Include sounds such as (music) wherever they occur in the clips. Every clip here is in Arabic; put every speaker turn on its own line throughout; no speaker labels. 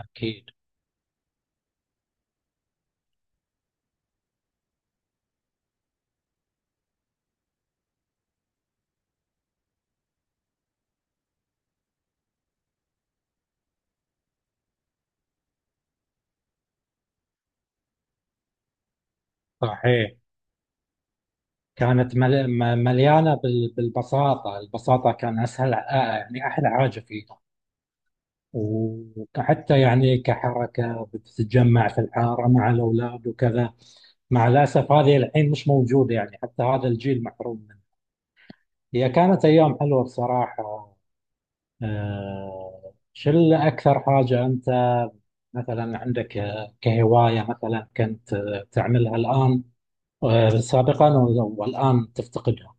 أكيد. صحيح. كانت مليانة بالبساطة كان أسهل، يعني أحلى حاجة فيها. وحتى يعني كحركة بتتجمع في الحارة مع الأولاد وكذا. مع الأسف هذه الحين مش موجودة، يعني حتى هذا الجيل محروم منها. هي كانت أيام حلوة بصراحة. شو اللي أكثر حاجة أنت مثلا عندك، كهواية مثلا كنت تعملها الآن، سابقا والآن تفتقدها؟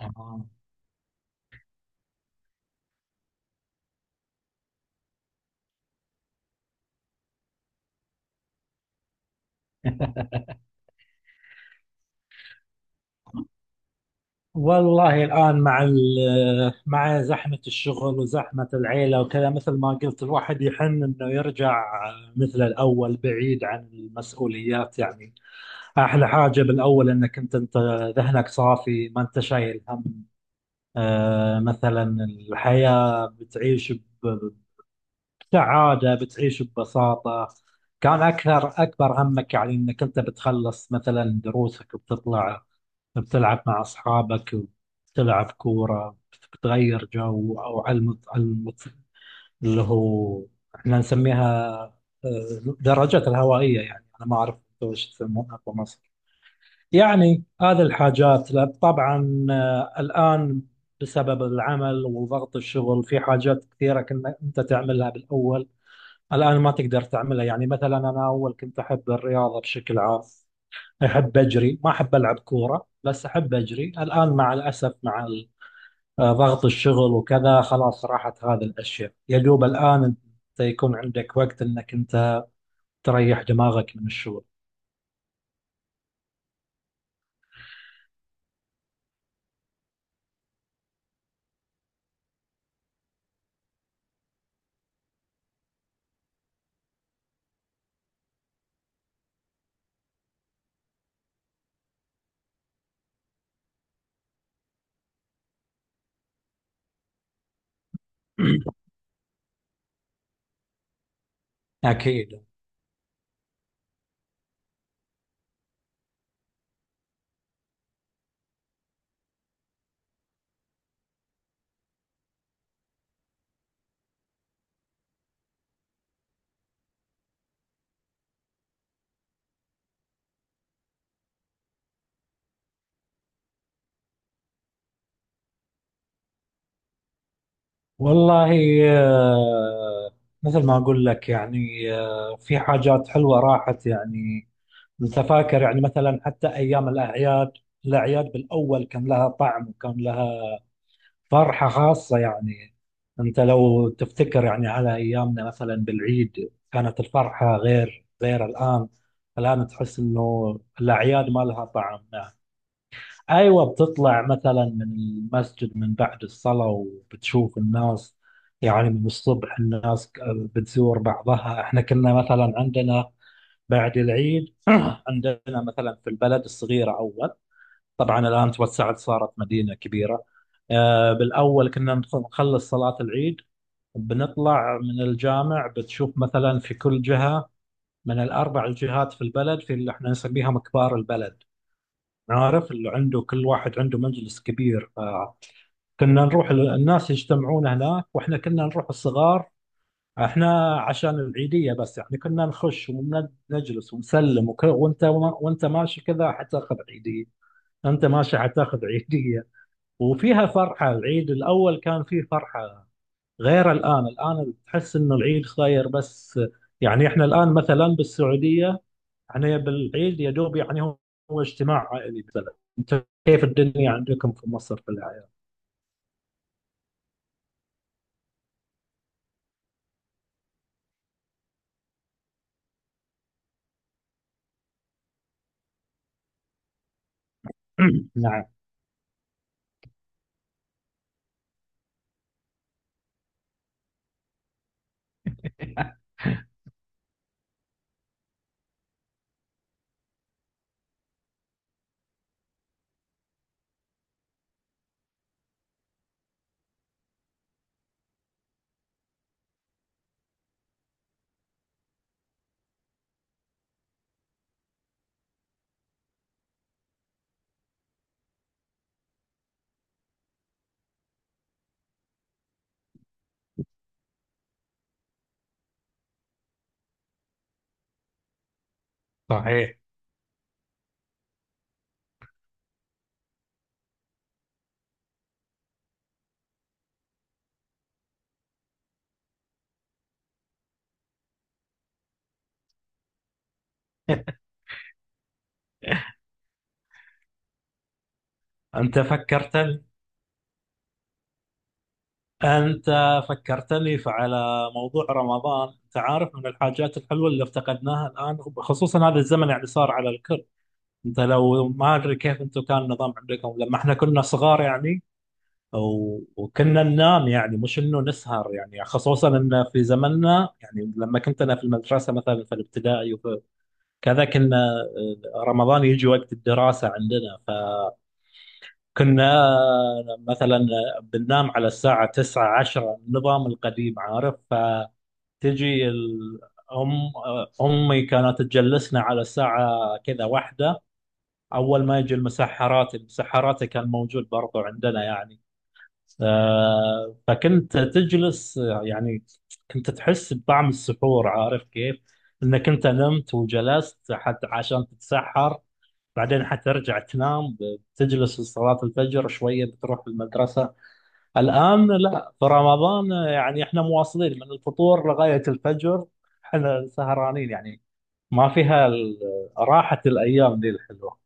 آه. والله الآن مع زحمة الشغل وزحمة العيلة وكذا، مثل ما قلت الواحد يحن إنه يرجع مثل الأول بعيد عن المسؤوليات يعني. أحلى حاجة بالأول إنك أنت ذهنك صافي، ما أنت شايل هم. مثلا الحياة بتعيش بسعادة، بتعيش ببساطة. كان أكثر أكبر همك يعني إنك أنت بتخلص مثلا دروسك وبتطلع، بتلعب مع أصحابك، بتلعب كورة، بتغير جو أو على المط... على المط... اللي هو احنا نسميها درجات الهوائية. يعني أنا ما أعرف أنتوا وش تسمونها في مصر. يعني هذه الحاجات لا، طبعا، الآن بسبب العمل وضغط الشغل في حاجات كثيرة كنا أنت تعملها بالأول، الآن ما تقدر تعملها. يعني مثلا أنا أول كنت أحب الرياضة بشكل عام، أحب أجري، ما أحب ألعب كورة بس أحب أجري. الآن مع الأسف مع ضغط الشغل وكذا خلاص راحت هذه الأشياء، يا دوب الآن أنت يكون عندك وقت أنك أنت تريح دماغك من الشغل. (clears throat) أكيد. والله آه، مثل ما أقول لك يعني، في حاجات حلوة راحت يعني. أنت فاكر يعني مثلا حتى أيام الأعياد، الأعياد بالأول كان لها طعم وكان لها فرحة خاصة يعني. أنت لو تفتكر يعني على أيامنا مثلا بالعيد كانت الفرحة غير الآن. الآن تحس إنه الأعياد ما لها طعم. أيوة، بتطلع مثلا من المسجد من بعد الصلاة وبتشوف الناس. يعني من الصبح الناس بتزور بعضها. إحنا كنا مثلا عندنا بعد العيد. (clears throat) عندنا مثلا في البلد الصغيرة أول، طبعا الآن توسعت صارت مدينة كبيرة. بالأول كنا نخلص صلاة العيد، بنطلع من الجامع بتشوف مثلا في كل جهة من الأربع الجهات في البلد، في اللي احنا نسميها مكبار البلد. عارف، اللي عنده كل واحد عنده مجلس كبير. كنا نروح الناس يجتمعون هناك، واحنا كنا نروح الصغار احنا عشان العيدية بس يعني. كنا نخش ونجلس ونسلم وانت، وانت ماشي كذا حتاخذ عيدية، انت ماشي حتاخذ عيدية. وفيها فرحة العيد الأول كان فيه فرحة غير الآن تحس إنه العيد صاير بس. يعني إحنا الآن مثلا بالسعودية، إحنا بالعيد يا دوب يعني هو اجتماع عائلي مثلا. أنت كيف الدنيا عندكم في مصر في الأعياد؟ (coughs) (clears throat) نعم. صحيح. (laughs) أنت فكرتني أنت فكرتني على موضوع رمضان. أنت عارف من الحاجات الحلوة اللي افتقدناها الآن خصوصا هذا الزمن، يعني صار على الكل. انت لو ما ادري كيف انتم كان النظام عندكم لما احنا كنا صغار يعني. وكنا ننام يعني، مش انه نسهر. يعني خصوصا ان في زمننا يعني لما كنت انا في المدرسه مثلا، في الابتدائي وفي كذا كنا، رمضان يجي وقت الدراسه عندنا، فكنا مثلا بننام على الساعه 9 10، النظام القديم عارف. فتجي الأم أمي كانت تجلسنا على الساعة كذا واحدة، اول ما يجي المسحرات. المسحرات كان موجود برضو عندنا يعني. فكنت تجلس يعني، كنت تحس بطعم السحور، عارف كيف، انك انت نمت وجلست حتى عشان تتسحر. بعدين حترجع تنام، تجلس لصلاة الفجر شوية بتروح المدرسة. الآن لا، في رمضان يعني احنا مواصلين من الفطور لغاية الفجر، احنا سهرانين يعني. ما فيها راحة الأيام دي الحلوة.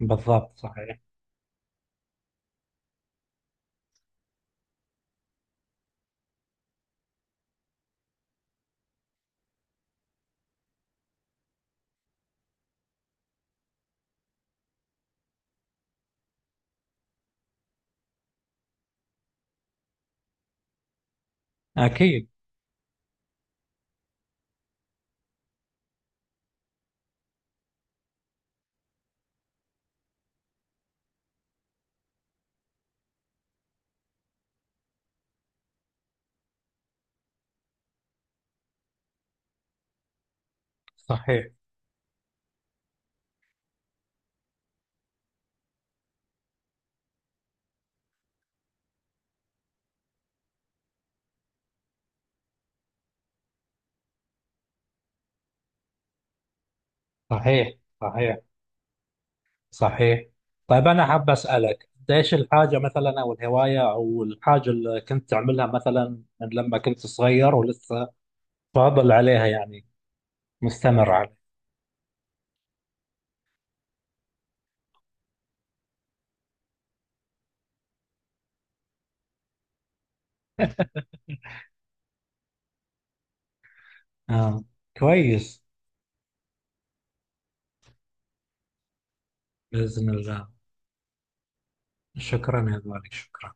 بالضبط، صحيح. أكيد، صحيح. صحيح. صحيح. صحيح. طيب، أنا حاب أسألك أنت إيش الحاجة مثلا أو الهواية أو الحاجة اللي كنت تعملها مثلا من لما كنت صغير ولسه فاضل عليها يعني، مستمر عليها. (laughs) آه. كويس. بإذن الله. شكرا يا غالي، شكرا.